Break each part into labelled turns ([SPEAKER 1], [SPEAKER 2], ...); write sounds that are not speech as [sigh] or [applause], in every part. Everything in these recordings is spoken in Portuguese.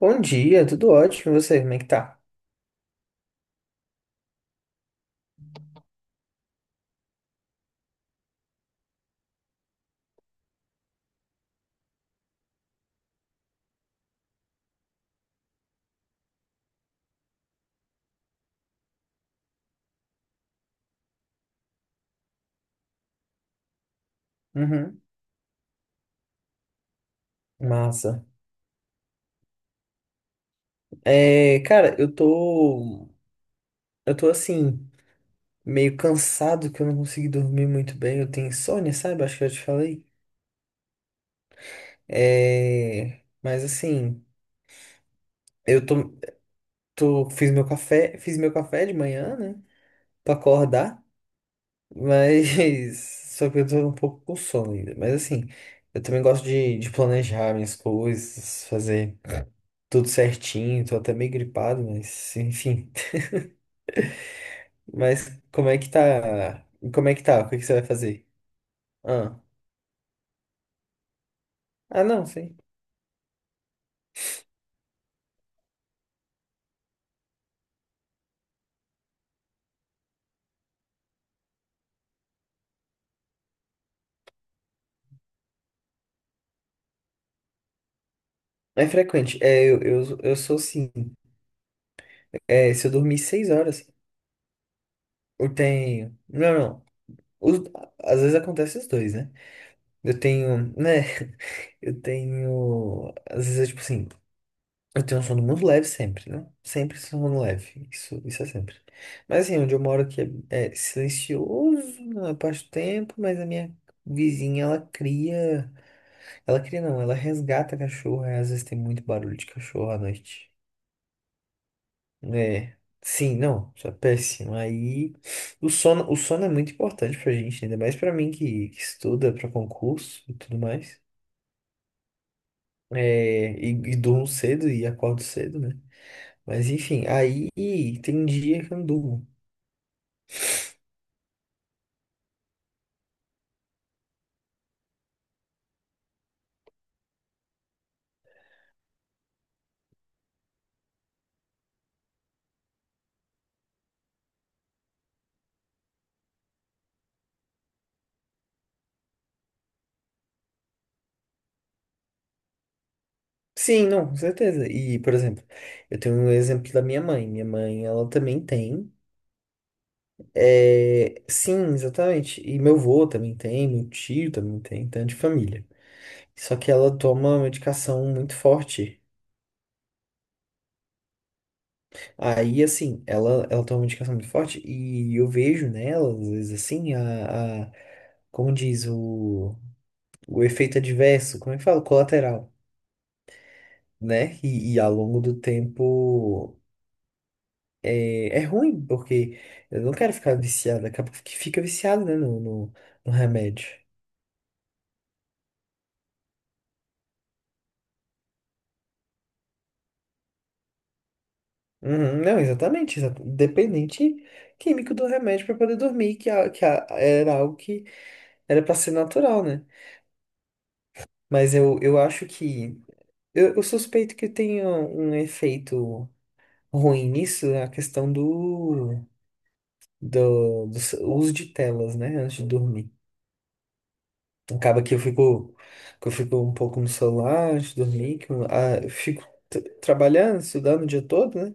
[SPEAKER 1] Bom dia, tudo ótimo. E você, como é que tá? Uhum. Massa. É, cara, eu tô assim, meio cansado que eu não consegui dormir muito bem. Eu tenho insônia, sabe? Acho que eu já te falei. É, mas assim, eu tô. Fiz meu café de manhã, né? Pra acordar. [laughs] Só que eu tô um pouco com sono ainda. Mas assim, eu também gosto de planejar minhas coisas, fazer tudo certinho. Tô até meio gripado, mas enfim. Mas como é que tá? Como é que tá? O que que você vai fazer? Ah. Ah, não, sei. É frequente. É, eu sou sim. É, se eu dormir 6 horas, eu tenho. Não, não. Os- Às vezes acontece os dois, né? Eu tenho, né? [laughs] Eu tenho. Às vezes, é tipo assim, eu tenho um sono muito leve sempre, né? Sempre sono leve. Isso é sempre. Mas assim, onde eu moro aqui é silencioso na parte do tempo, mas a minha vizinha, ela cria. Ela cria, não, ela resgata cachorro. Aí, às vezes tem muito barulho de cachorro à noite. É, sim, não, isso é péssimo. Aí o sono é muito importante pra gente, ainda mais pra mim que estuda pra concurso e tudo mais. É, e durmo cedo e acordo cedo, né? Mas enfim, aí tem dia que eu não durmo. Sim, não, com certeza. E, por exemplo, eu tenho um exemplo da minha mãe. Minha mãe, ela também tem. É, sim, exatamente. E meu avô também tem, meu tio também tem, tanto de família. Só que ela toma uma medicação muito forte. Aí, assim, ela tem uma indicação muito forte e eu vejo nela, às vezes, assim, como diz, o efeito adverso, como é que fala? Colateral, né? E ao longo do tempo é ruim, porque eu não quero ficar viciado, acaba que fica viciado, né, no remédio. Uhum, não, exatamente, dependente químico do remédio para poder dormir, era algo que era para ser natural, né? Mas eu suspeito que tenha um efeito ruim nisso, é a questão uso de telas, né? Antes de dormir. Acaba que eu fico um pouco no celular antes de dormir, que eu fico trabalhando, estudando o dia todo, né?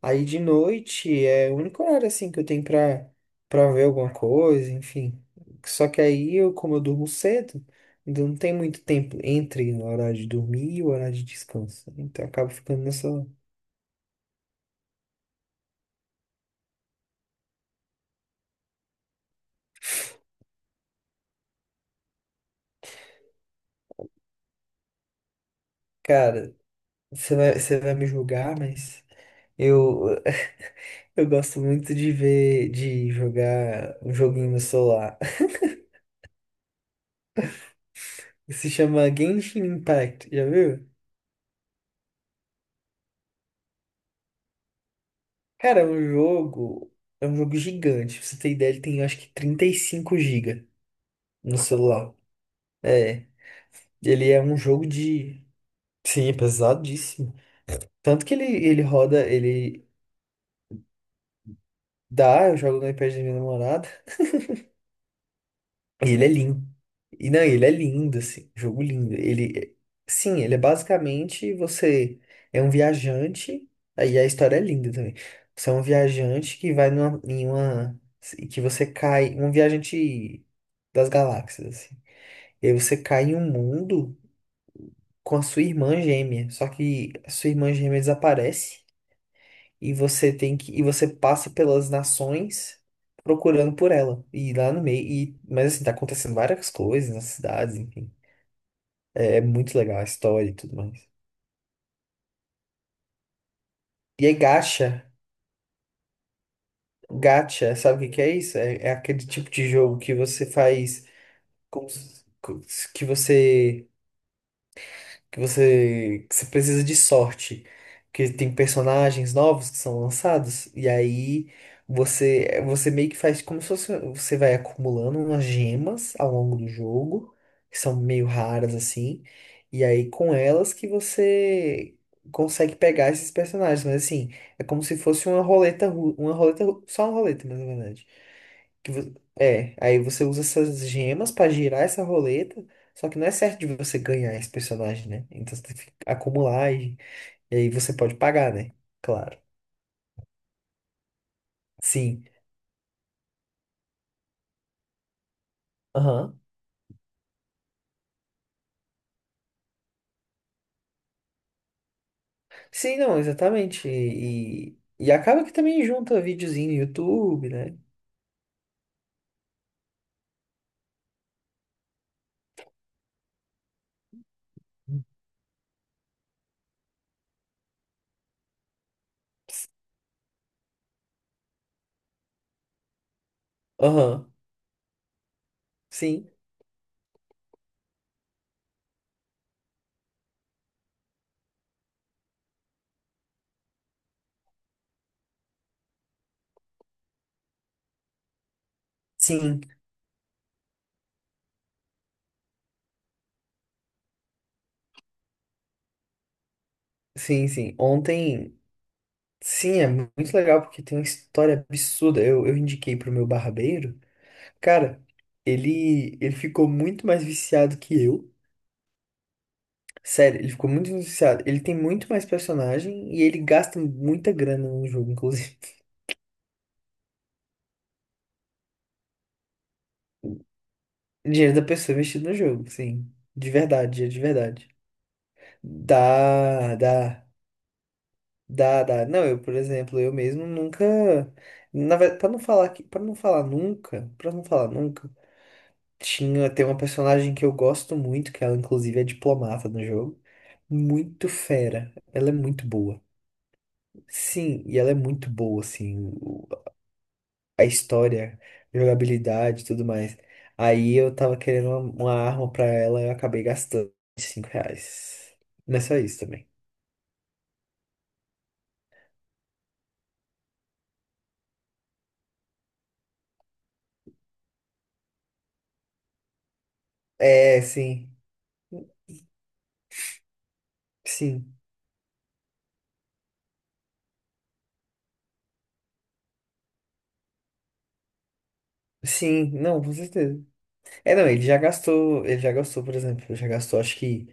[SPEAKER 1] Aí de noite é o único horário assim que eu tenho pra ver alguma coisa, enfim. Só que aí eu, como eu durmo cedo, ainda não tem muito tempo entre o horário de dormir e o horário de descanso, né? Então eu acabo ficando nessa. Cara, você vai me julgar, mas eu, [laughs] eu gosto muito de ver, de jogar um joguinho no celular. [laughs] Se chama Genshin Impact, já viu? Cara, é um jogo gigante. Pra você ter ideia, ele tem acho que 35 gigas no celular. É. Ele é um jogo de. Sim, é pesadíssimo. Tanto que ele roda, ele dá, eu jogo no iPad da minha namorada. E ele é lindo. E não, ele é lindo, assim. Jogo lindo. Ele. Sim, ele é basicamente você é um viajante. Aí a história é linda também. Você é um viajante que vai numa, em uma. E que você cai. Um viajante das galáxias, assim. E aí você cai em um mundo com a sua irmã gêmea. Só que a sua irmã gêmea desaparece e você tem que e você passa pelas nações procurando por ela. E lá no meio, mas assim, tá acontecendo várias coisas nas cidades, enfim. É muito legal a história e tudo mais. E aí gacha, gacha, sabe o que que é isso? É aquele tipo de jogo que você faz como se- que você que você precisa de sorte, que tem personagens novos que são lançados e aí você meio que faz como se fosse, você vai acumulando umas gemas ao longo do jogo, que são meio raras assim, e aí com elas que você consegue pegar esses personagens, mas assim, é como se fosse só uma roleta, mas na verdade. Aí você usa essas gemas pra girar essa roleta, só que não é certo de você ganhar esse personagem, né? Então você tem que acumular e aí você pode pagar, né? Claro. Sim. Aham. Sim, não, exatamente. E acaba que também junta videozinho no YouTube, né? Aham. Sim. Sim. Sim, sim. Ontem. Sim, é muito legal porque tem uma história absurda. Eu indiquei pro meu barbeiro. Cara, ele ficou muito mais viciado que eu. Sério, ele ficou muito viciado. Ele tem muito mais personagem e ele gasta muita grana no jogo, inclusive. [laughs] Dinheiro da pessoa investido no jogo, sim. De verdade, dinheiro de verdade. Dá, dá, dá, dá. Não, eu, por exemplo, eu mesmo nunca. Na verdade, pra não falar que, para não falar nunca, tinha, tem uma personagem que eu gosto muito, que ela inclusive é diplomata no jogo. Muito fera. Ela é muito boa. Sim, e ela é muito boa, assim, a história, jogabilidade e tudo mais. Aí eu tava querendo uma arma pra ela e eu acabei gastando R$ 5. Não é só isso também. É, sim, sim, sim, não, com certeza. É, não, ele já gastou, por exemplo, já gastou acho que,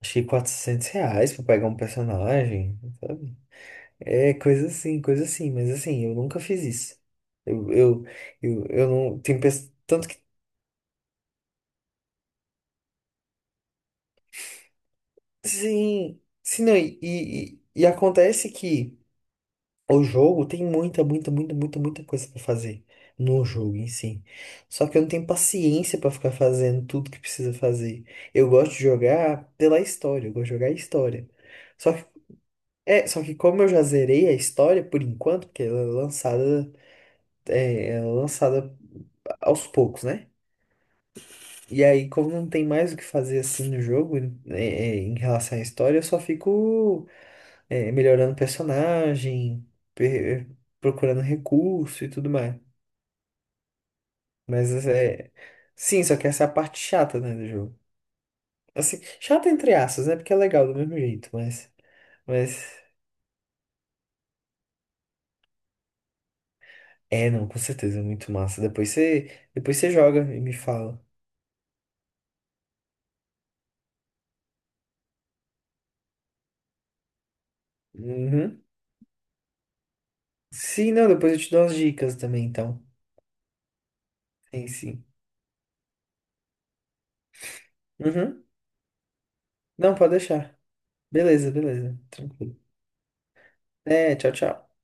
[SPEAKER 1] acho que 400 reais pra pegar um personagem, sabe? É, coisa assim, mas assim, eu nunca fiz isso. Eu, eu, eu não, tem pessoas, tanto que, sim, sim, não, e acontece que o jogo tem muita, muita, muita, muita, muita coisa pra fazer no jogo em si. Só que eu não tenho paciência pra ficar fazendo tudo que precisa fazer. Eu gosto de jogar pela história, eu gosto de jogar a história. Só que, só que como eu já zerei a história por enquanto, porque ela é lançada aos poucos, né? E aí, como não tem mais o que fazer assim no jogo, é, em relação à história, eu só fico melhorando o personagem, per- procurando recurso e tudo mais. Mas é. Sim, só que essa é a parte chata, né, do jogo. Assim, chata entre aspas, né? Porque é legal do mesmo jeito, Mas. É, não, com certeza, é muito massa. Depois você joga e me fala. Uhum. Sim, não, depois eu te dou umas dicas também, então. Sim, sim. Uhum. Não, pode deixar. Beleza, beleza. Tranquilo. É, tchau, tchau.